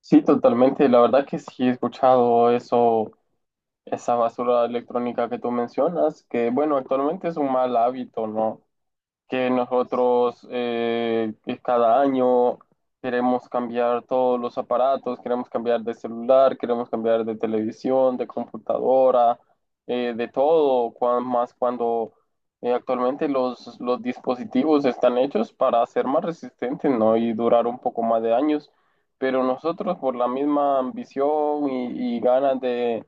Sí, totalmente. La verdad que sí he escuchado eso, esa basura electrónica que tú mencionas, que bueno, actualmente es un mal hábito, ¿no? Que nosotros que cada año queremos cambiar todos los aparatos, queremos cambiar de celular, queremos cambiar de televisión, de computadora, de todo, más cuando actualmente los dispositivos están hechos para ser más resistentes, ¿no? Y durar un poco más de años, pero nosotros por la misma ambición y ganas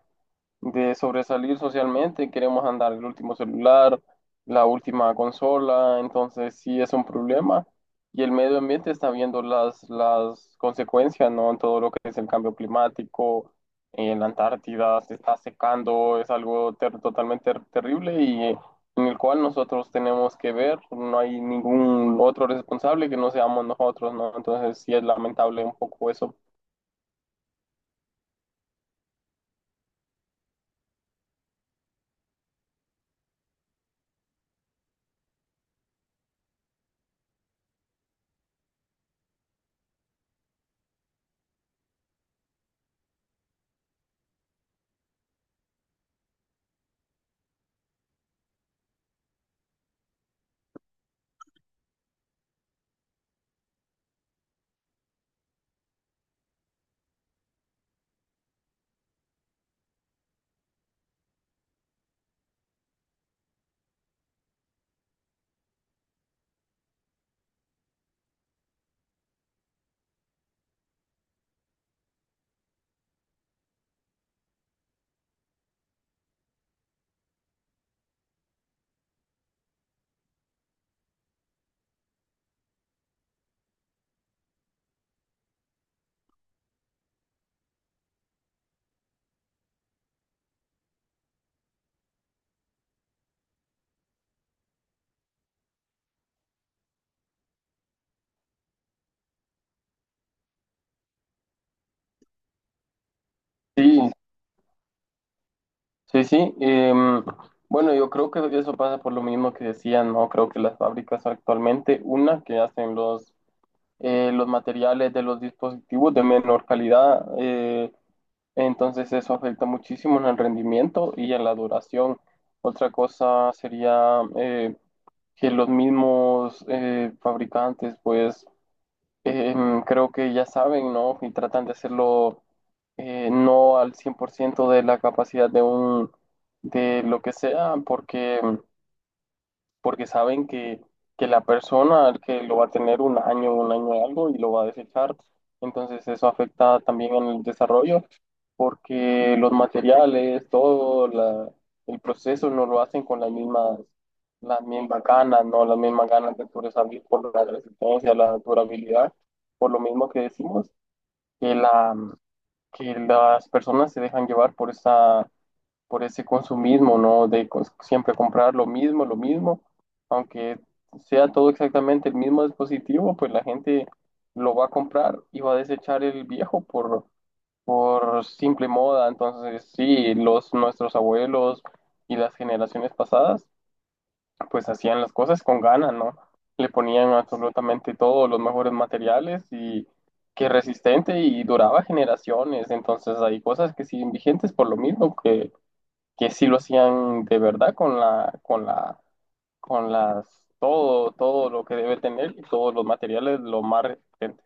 de sobresalir socialmente, queremos andar el último celular, la última consola, entonces sí es un problema. Y el medio ambiente está viendo las consecuencias, ¿no? En todo lo que es el cambio climático, en la Antártida se está secando, es algo totalmente terrible y, en el cual nosotros tenemos que ver, no hay ningún otro responsable que no seamos nosotros, ¿no? Entonces sí es lamentable un poco eso. Sí, sí, sí. em, bueno, yo creo que eso pasa por lo mismo que decían, ¿no? Creo que las fábricas actualmente, una que hacen los materiales de los dispositivos de menor calidad, entonces eso afecta muchísimo en el rendimiento y en la duración. Otra cosa sería que los mismos fabricantes, pues, creo que ya saben, ¿no? Y tratan de hacerlo no al 100% de la capacidad de lo que sea, porque porque saben que la persona que lo va a tener un año y algo y lo va a desechar. Entonces eso afecta también en el desarrollo porque los materiales, el proceso no lo hacen con las mismas ganas, no las mismas ganas de sobresalir por la resistencia, la durabilidad, por lo mismo que decimos, que, la, que las personas se dejan llevar por esa por ese consumismo, ¿no? Siempre comprar lo mismo, aunque sea todo exactamente el mismo dispositivo, pues la gente lo va a comprar y va a desechar el viejo por simple moda. Entonces, sí, nuestros abuelos y las generaciones pasadas, pues hacían las cosas con ganas, ¿no? Le ponían absolutamente todos los mejores materiales y que resistente y duraba generaciones. Entonces, hay cosas que siguen vigentes por lo mismo que sí lo hacían de verdad con las, todo, todo lo que debe tener y todos los materiales lo más resistente.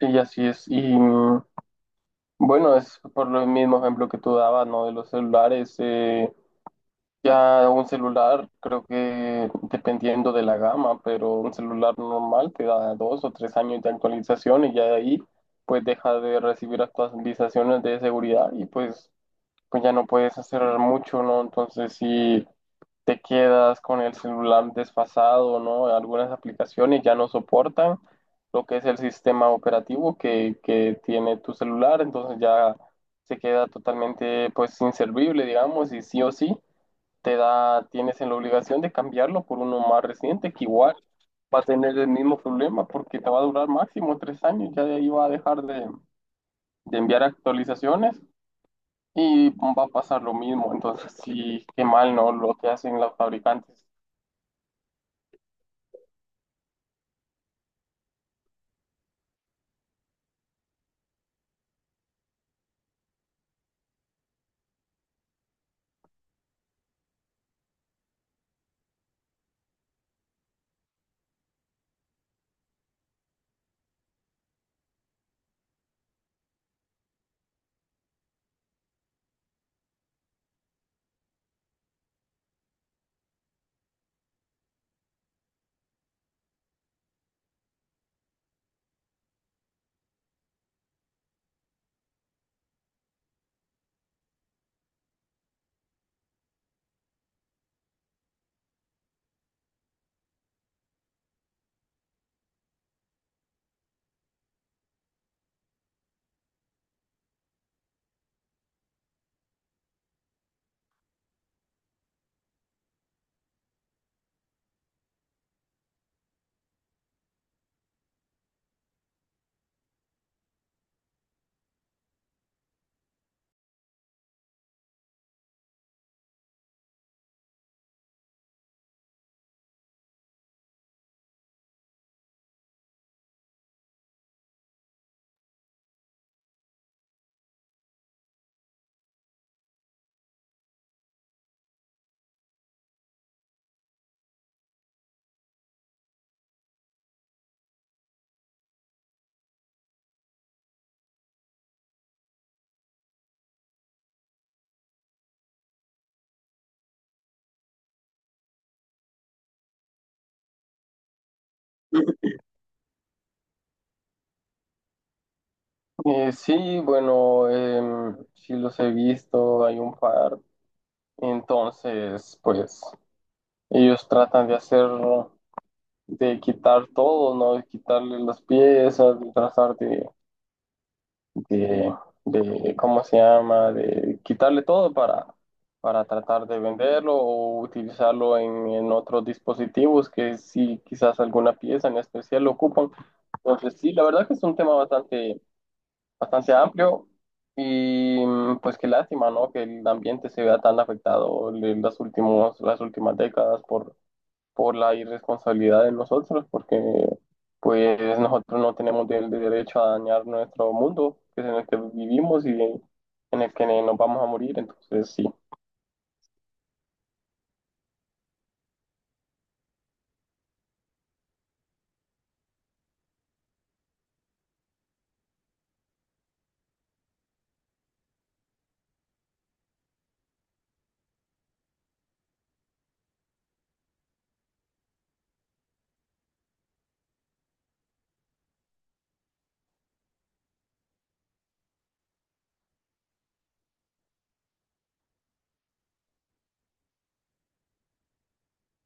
Y así es. Y, mm, bueno, es por lo mismo ejemplo que tú dabas, ¿no? De los celulares. Ya un celular, creo que dependiendo de la gama, pero un celular normal te da 2 o 3 años de actualización y ya de ahí pues deja de recibir actualizaciones de seguridad y pues, pues ya no puedes hacer mucho, ¿no? Entonces sí. Te quedas con el celular desfasado, ¿no? Algunas aplicaciones ya no soportan lo que es el sistema operativo que tiene tu celular, entonces ya se queda totalmente pues inservible, digamos, y sí o sí tienes la obligación de cambiarlo por uno más reciente que igual va a tener el mismo problema porque te va a durar máximo 3 años, ya de ahí va a dejar de enviar actualizaciones y va a pasar lo mismo. Entonces, sí, qué mal, ¿no? Lo que hacen los fabricantes. Sí, bueno, em, sí los he visto, hay un par. Entonces, pues ellos tratan de hacer, de quitar todo, ¿no? De quitarle las piezas, de tratar de, de, ¿cómo se llama? De quitarle todo para tratar de venderlo o utilizarlo en otros dispositivos que sí, quizás alguna pieza en especial lo ocupan. Entonces, sí, la verdad que es un tema bastante amplio y, mm, pues qué lástima, ¿no? Que el ambiente se vea tan afectado en las últimas décadas por la irresponsabilidad de nosotros, porque pues nosotros no tenemos el derecho a dañar nuestro mundo, que es en el que vivimos y en el que nos vamos a morir, entonces sí.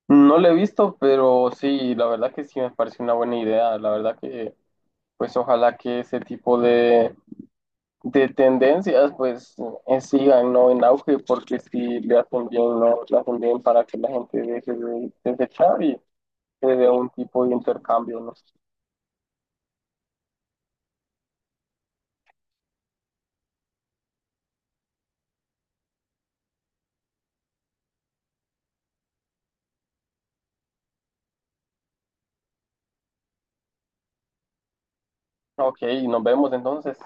No lo he visto, pero sí, la verdad que sí me parece una buena idea. La verdad que, pues ojalá que ese tipo de tendencias, pues sigan, ¿no? En auge, porque si le hacen bien, ¿no? Le hacen bien para que la gente deje de desechar y se dé un tipo de intercambio, ¿no? Ok, nos vemos entonces.